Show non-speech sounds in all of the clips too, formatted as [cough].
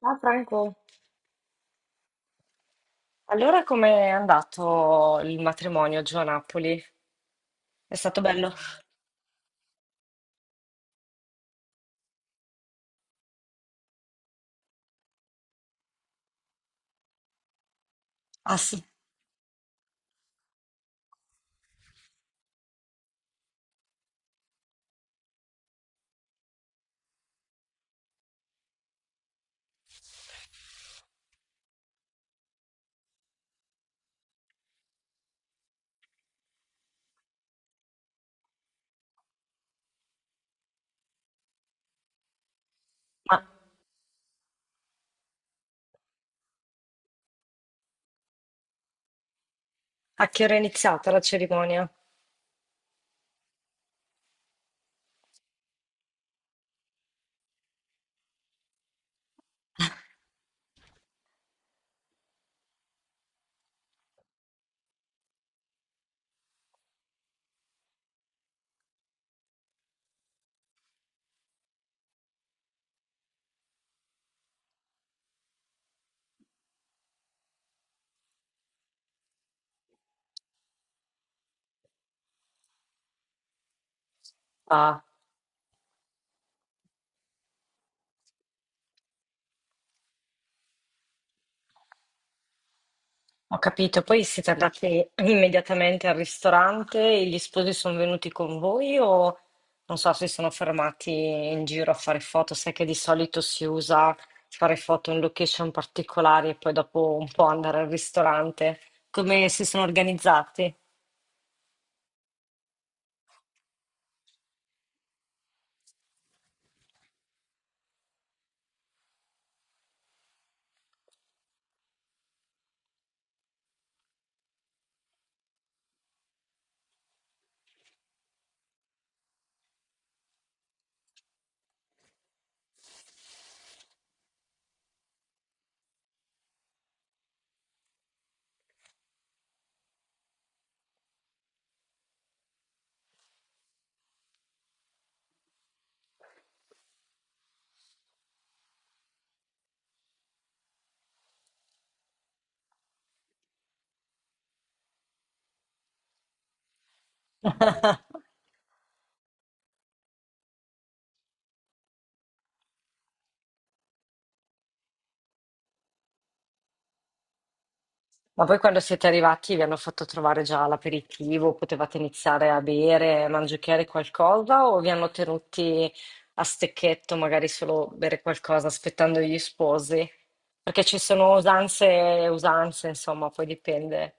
Ah, Franco, allora com'è andato il matrimonio giù a Napoli? È stato bello? Ah sì, ma a che ora è iniziata la cerimonia? Ah, ho capito. Poi siete andati immediatamente al ristorante e gli sposi sono venuti con voi o non so se sono fermati in giro a fare foto? Sai che di solito si usa fare foto in location particolari e poi dopo un po' andare al ristorante. Come si sono organizzati? [laughs] Ma poi quando siete arrivati vi hanno fatto trovare già l'aperitivo, potevate iniziare a bere, a mangiare qualcosa o vi hanno tenuti a stecchetto, magari solo bere qualcosa aspettando gli sposi? Perché ci sono usanze e usanze, insomma, poi dipende.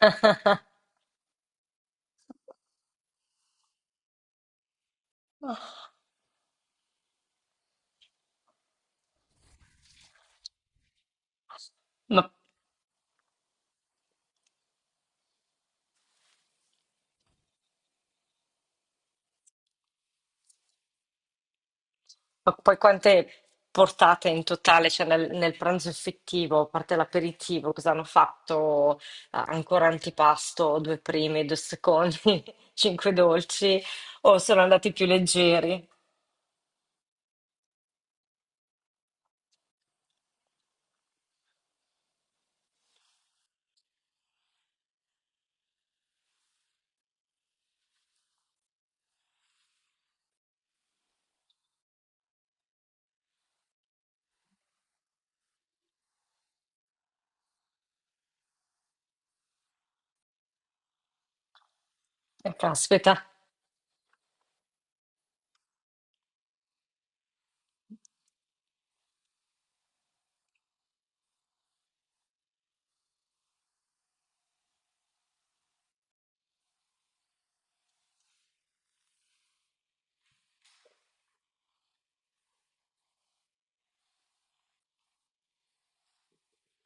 [laughs] Ma Ma poi quante portate in totale, cioè nel pranzo effettivo, a parte l'aperitivo, cosa hanno fatto? Ah, ancora antipasto, due primi, due secondi, [laughs] cinque dolci, o sono andati più leggeri? Caspita.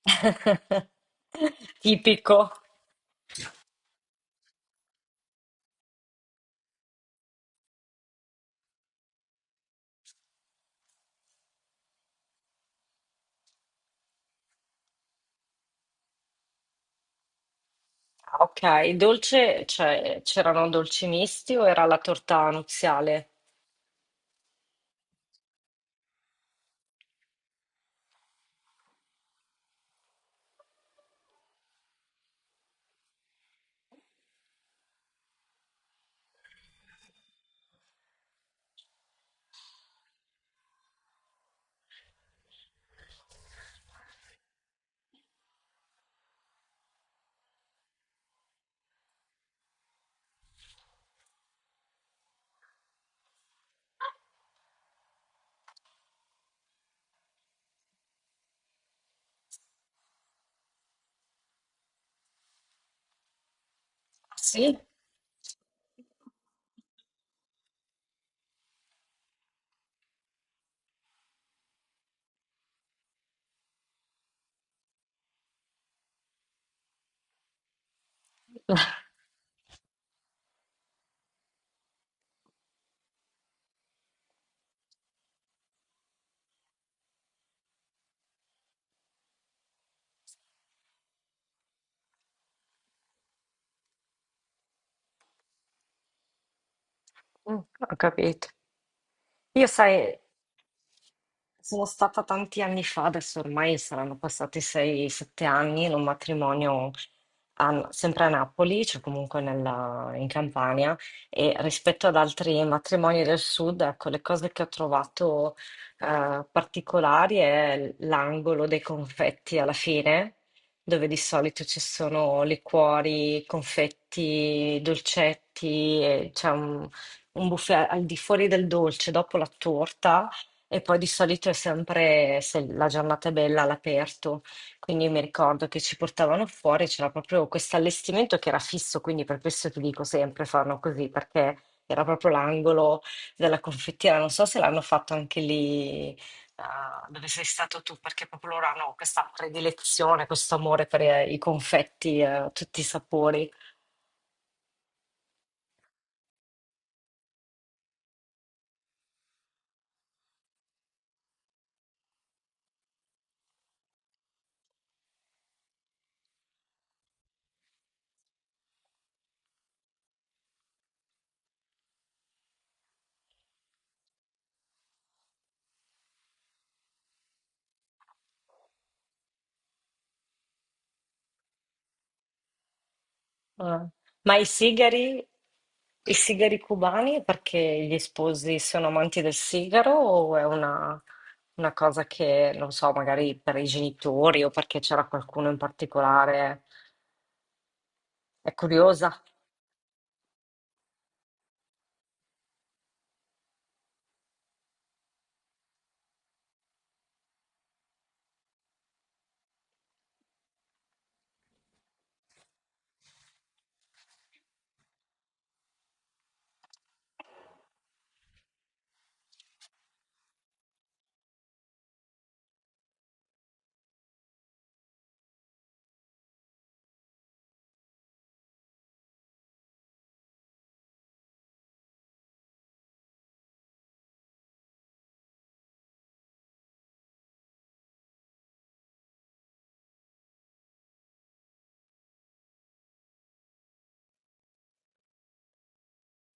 [laughs] Tipico. Ah, ok, dolce, cioè c'erano dolci misti o era la torta nuziale? Ah, sì. [laughs] Ho capito. Io sai, sono stata tanti anni fa, adesso ormai saranno passati 6-7 anni, in un matrimonio a- sempre a Napoli, cioè comunque nella- in Campania, e rispetto ad altri matrimoni del sud, ecco, le cose che ho trovato particolari è l'angolo dei confetti alla fine, dove di solito ci sono liquori, confetti, dolcetti, e c'è un buffet al di fuori del dolce, dopo la torta, e poi di solito è sempre, se la giornata è bella, all'aperto. Quindi mi ricordo che ci portavano fuori, c'era proprio questo allestimento che era fisso, quindi per questo ti dico sempre fanno così, perché era proprio l'angolo della confettiera. Non so se l'hanno fatto anche lì, dove sei stato tu, perché proprio loro hanno questa predilezione, questo amore per i confetti, tutti i sapori. Ah. Ma i sigari cubani, perché gli sposi sono amanti del sigaro o è una cosa che, non so, magari per i genitori o perché c'era qualcuno in particolare? È curiosa.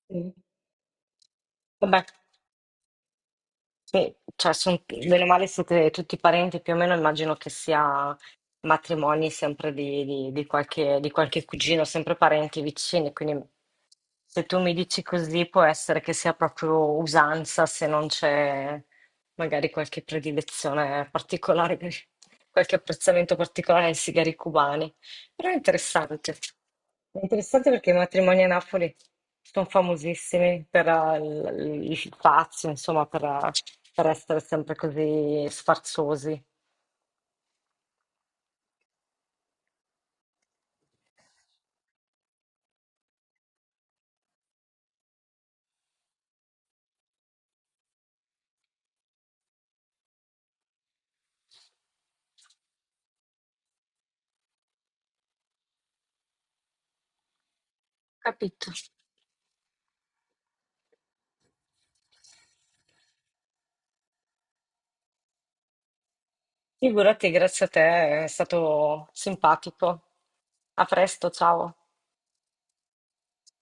Sì. Vabbè. Sì, cioè, son- bene o male siete tutti parenti, più o meno immagino che sia matrimoni sempre di, di qualche, di qualche cugino, sempre parenti vicini, quindi se tu mi dici così può essere che sia proprio usanza se non c'è magari qualche predilezione particolare, [laughs] qualche apprezzamento particolare ai sigari cubani, però è interessante. È interessante perché i matrimoni a Napoli sono famosissimi per il fazio, insomma, per essere sempre così sfarzosi. Capito. Figurati, grazie a te, è stato simpatico. A presto, ciao.